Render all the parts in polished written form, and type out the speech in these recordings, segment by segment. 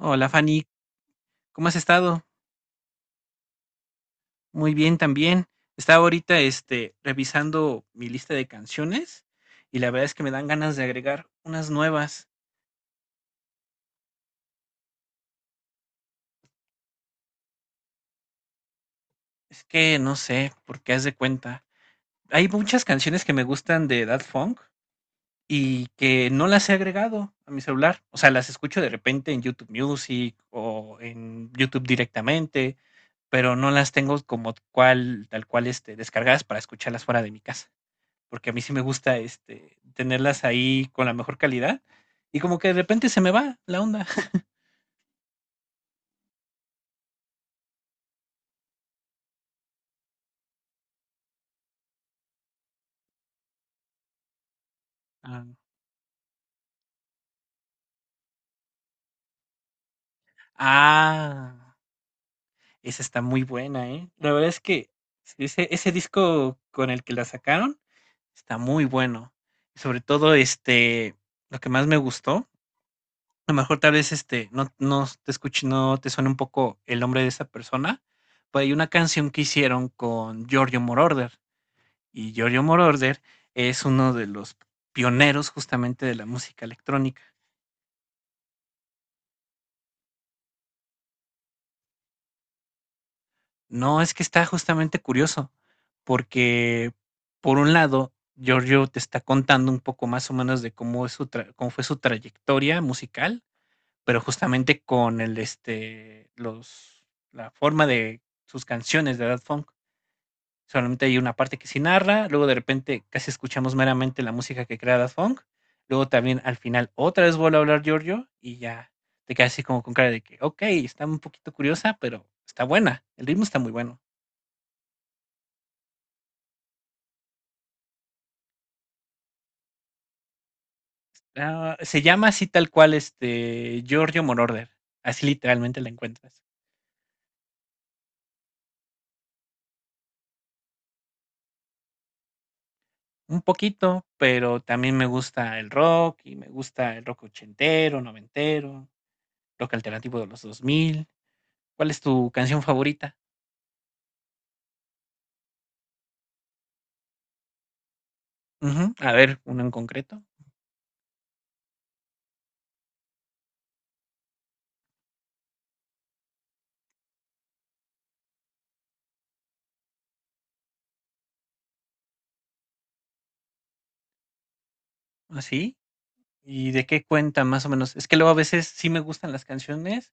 Hola Fanny, ¿cómo has estado? Muy bien también. Estaba ahorita revisando mi lista de canciones y la verdad es que me dan ganas de agregar unas nuevas. Es que no sé por qué haz de cuenta. Hay muchas canciones que me gustan de Daft Funk y que no las he agregado a mi celular. O sea, las escucho de repente en YouTube Music o en YouTube directamente, pero no las tengo como tal cual descargadas para escucharlas fuera de mi casa. Porque a mí sí me gusta tenerlas ahí con la mejor calidad. Y como que de repente se me va la onda. Ah, ah, esa está muy buena, ¿eh? La verdad es que ese disco con el que la sacaron está muy bueno. Sobre todo, lo que más me gustó, a lo mejor tal vez no te escuche, no te suena un poco el nombre de esa persona, pero hay una canción que hicieron con Giorgio Moroder. Y Giorgio Moroder es uno de los pioneros justamente de la música electrónica. No, es que está justamente curioso, porque por un lado, Giorgio te está contando un poco más o menos de cómo fue su trayectoria musical, pero justamente con la forma de sus canciones de Daft Funk. Solamente hay una parte que sí narra, luego de repente casi escuchamos meramente la música que crea Daft Punk, luego también al final otra vez vuelve a hablar Giorgio y ya te quedas así como con cara de que, ok, está un poquito curiosa, pero está buena, el ritmo está muy bueno. Ah, se llama así tal cual Giorgio Moroder, así literalmente la encuentras. Un poquito, pero también me gusta el rock y me gusta el rock ochentero, noventero, rock alternativo de los dos mil. ¿Cuál es tu canción favorita? Ujú. A ver, uno en concreto. ¿Ah, sí? ¿Y de qué cuenta más o menos? Es que luego a veces sí me gustan las canciones,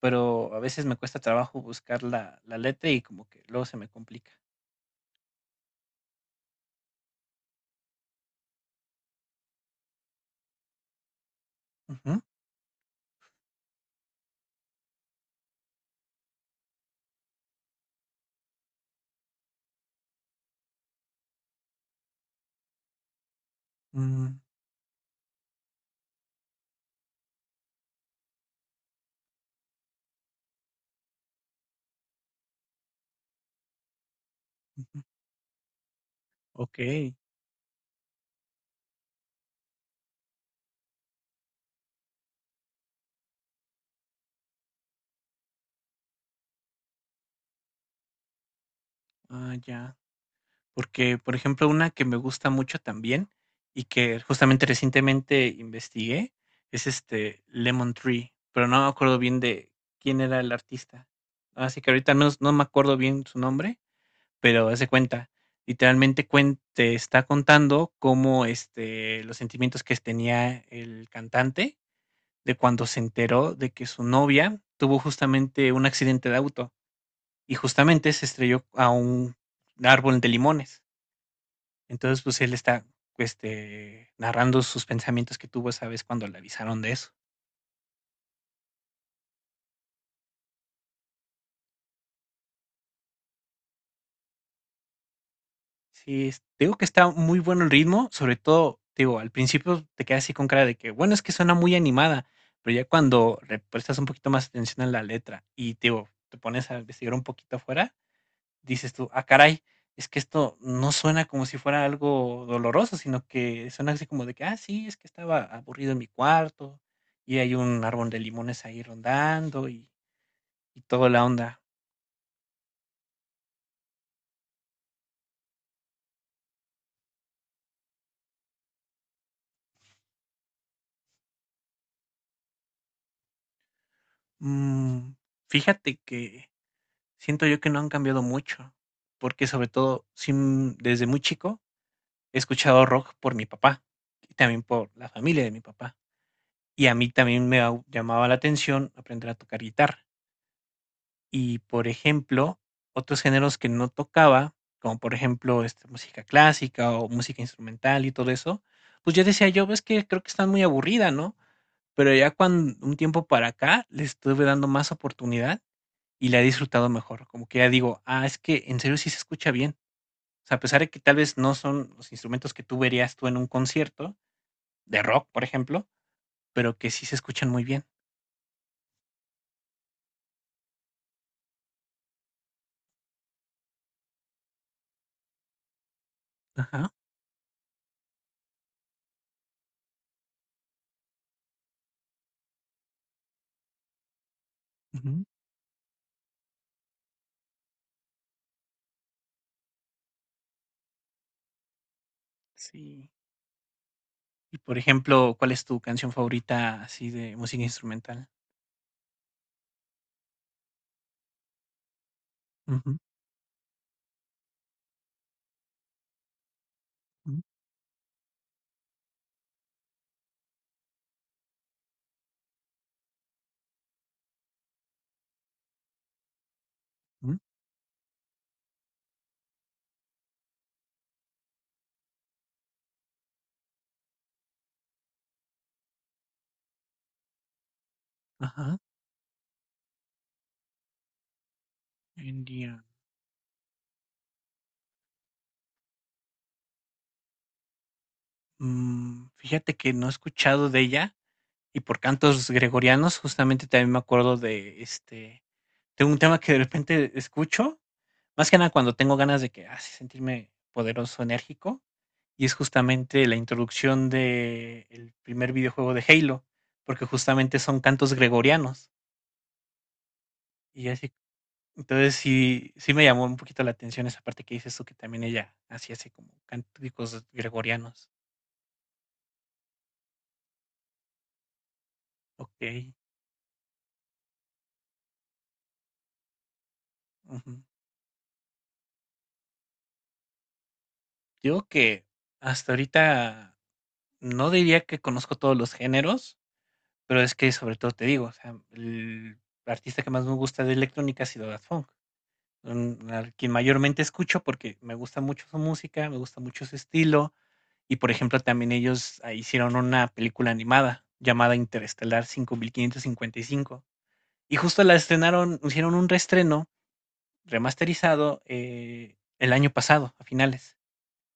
pero a veces me cuesta trabajo buscar la letra y como que luego se me complica. Ujú, mm, ujú, okey. Ah, ya. Porque, por ejemplo, una que me gusta mucho también y que justamente recientemente investigué es, Lemon Tree, pero no me acuerdo bien de quién era el artista. Así que ahorita no me acuerdo bien su nombre, pero hace cuenta, te está contando cómo los sentimientos que tenía el cantante de cuando se enteró de que su novia tuvo justamente un accidente de auto y justamente se estrelló a un árbol de limones. Entonces, pues él está narrando sus pensamientos que tuvo esa vez cuando le avisaron de eso. Sí, es te digo que está muy bueno el ritmo, sobre todo, te digo, al principio te quedas así con cara de que, bueno, es que suena muy animada, pero ya cuando le prestas un poquito más atención a la letra y te digo, te pones a investigar un poquito afuera, dices tú, ah, caray, es que esto no suena como si fuera algo doloroso, sino que suena así como de que, ah, sí, es que estaba aburrido en mi cuarto y hay un árbol de limones ahí rondando y toda la onda. Mm, fíjate que siento yo que no han cambiado mucho, porque sobre todo, sin desde muy chico he escuchado rock por mi papá y también por la familia de mi papá. Y a mí también llamaba la atención aprender a tocar guitarra. Y por ejemplo, otros géneros que no tocaba, como por ejemplo música clásica o música instrumental y todo eso, pues yo decía yo, ves que creo que están muy aburrida, ¿no? Pero ya cuando un tiempo para acá le estuve dando más oportunidad y la he disfrutado mejor, como que ya digo: "Ah, es que en serio sí se escucha bien". O sea, a pesar de que tal vez no son los instrumentos que tú verías tú en un concierto de rock, por ejemplo, pero que sí se escuchan muy bien. Ajá. Ujú. Sí. Y, por ejemplo, ¿cuál es tu canción favorita así de música instrumental? Ujú, mm, mm, ajá. India. Mm, fíjate que no he escuchado de ella, y por cantos gregorianos, justamente también me acuerdo de, tengo un tema que de repente escucho. Más que nada cuando tengo ganas de que, así sentirme poderoso, enérgico, y es justamente la introducción de el primer videojuego de Halo, porque justamente son cantos gregorianos, y así entonces sí me llamó un poquito la atención esa parte que dices tú, que también ella hacía así como cánticos gregorianos. Okey, ujú. Digo que hasta ahorita no diría que conozco todos los géneros, pero es que sobre todo te digo, o sea, el artista que más me gusta de electrónica ha sido Daft Punk. Mm, al quien mayormente escucho, porque me gusta mucho su música, me gusta mucho su estilo. Y, por ejemplo, también ellos, ah, hicieron una película animada llamada Interestelar 5555. Y cinco. Y justo la estrenaron hicieron un reestreno remasterizado, el año pasado, a finales.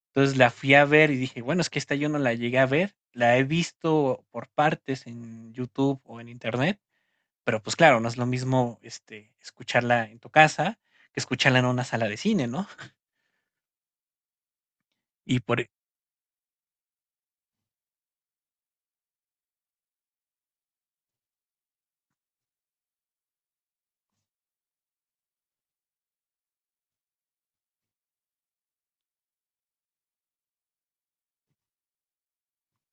Entonces, la fui a ver y dije: "Bueno, es que esta yo no la llegué a ver". La he visto por partes en YouTube o en Internet, pero, pues, claro, no es lo mismo, escucharla en tu casa que escucharla en una sala de cine, ¿no? Y por e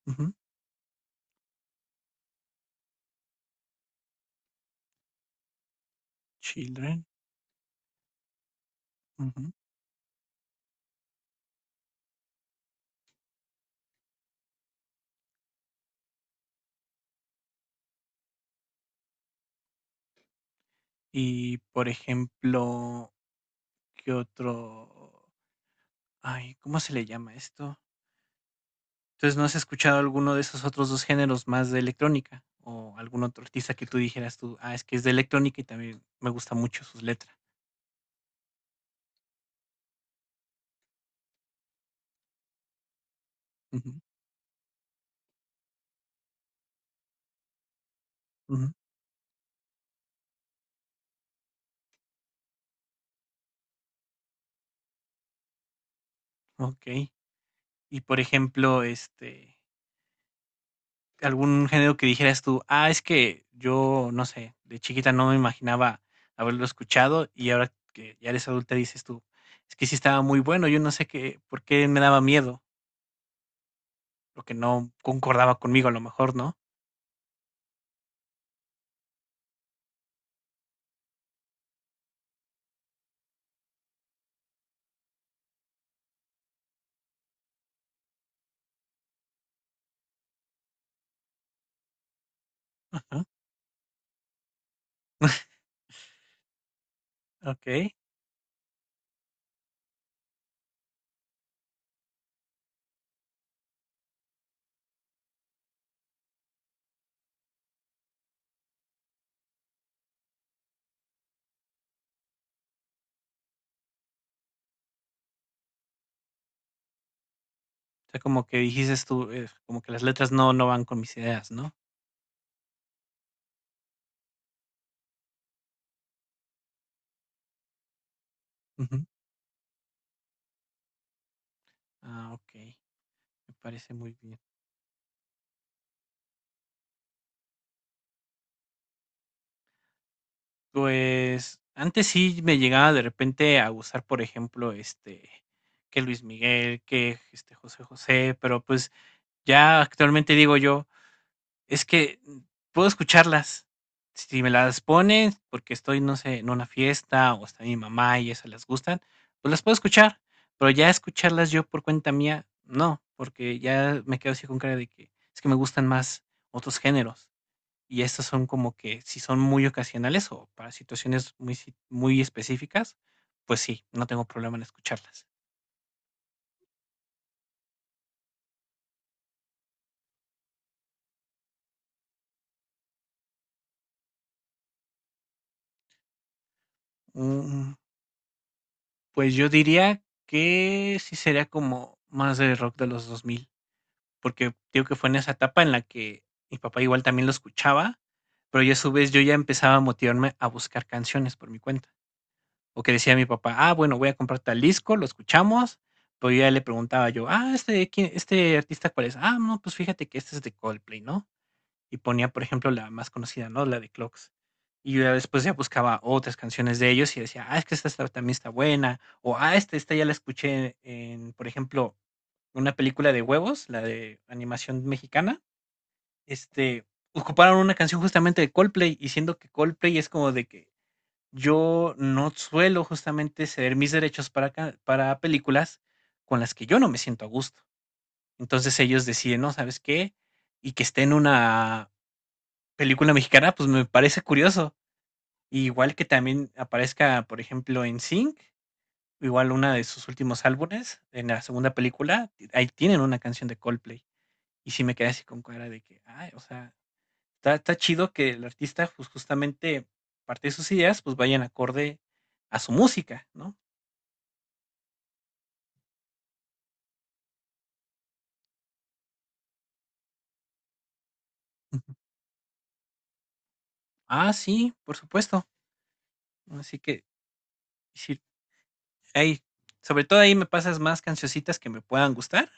ujú, Children, ujú. Y, por ejemplo, ¿qué otro? Ay, ¿cómo se le llama esto? Entonces, ¿no has escuchado alguno de esos otros 2 géneros más de electrónica? O algún otro artista que tú dijeras tú: "Ah, es que es de electrónica y también me gusta mucho sus letras". Ujú, ujú, okey. Y, por ejemplo, algún género que dijeras tú, ah, es que yo, no sé, de chiquita no me imaginaba haberlo escuchado y ahora que ya eres adulta dices tú, es que sí estaba muy bueno, yo no sé qué, por qué me daba miedo, lo que no concordaba conmigo a lo mejor, ¿no? Ajá, ok. O sea, como que dijiste tú, como que las letras no van con mis ideas, ¿no? Ujú. Ah, ok. Me parece muy bien. Pues, antes sí me llegaba de repente a gustar, por ejemplo, que Luis Miguel, que, José José, pero, pues, ya actualmente digo yo: "Es que, mm, puedo escucharlas". Si me las ponen porque estoy, no sé, en una fiesta o está mi mamá y esas les gustan, pues, las puedo escuchar, pero ya escucharlas yo por cuenta mía, no, porque ya me quedo así con cara de que: "Es que me gustan más otros géneros". Y estas son como que si son muy ocasionales o para situaciones muy específicas, pues sí, no tengo problema en escucharlas. Mm, pues yo diría que sí sería como más de rock de los 2000 porque digo que fue en esa etapa en la que mi papá igual también lo escuchaba, pero yo a su vez yo ya empezaba a motivarme a buscar canciones por mi cuenta, o que decía mi papá: "Ah, bueno, voy a comprar tal disco, lo escuchamos", pero yo ya le preguntaba yo: "Ah, ¿este quién este artista cuál es?". "Ah, no, pues fíjate que este es de Coldplay", ¿no? Y ponía, por ejemplo, la más conocida, ¿no? La de Clocks. Y yo ya después ya buscaba otras canciones de ellos y decía, ah, es que también está buena. O, ah, esta ya la escuché en, por ejemplo, una película de huevos, la de animación mexicana. Este, ocuparon una canción justamente de Coldplay y siendo que Coldplay es como de que yo no suelo justamente ceder mis derechos para películas con las que yo no me siento a gusto. Entonces ellos deciden, no, ¿sabes qué? Y que esté en una película mexicana, pues me parece curioso. Y igual que también aparezca, por ejemplo, en Sync, igual una de sus últimos álbumes, en la segunda película, ahí tienen una canción de Coldplay. Y sí me quedé así con cara de que, ay, o sea, está chido que el artista, pues justamente parte de sus ideas, pues vayan acorde a su música, ¿no? Ujú. Ah, sí, por supuesto. Así que, sí, ahí, sobre todo ahí me pasas más cancioncitas que me puedan gustar.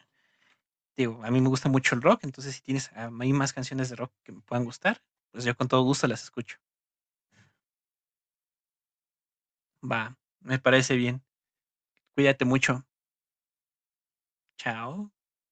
Digo, a mí me gusta mucho el rock, entonces, si tienes a mí más canciones de rock que me puedan gustar, pues yo con todo gusto las escucho. Va, me parece bien. Cuídate mucho. Chao.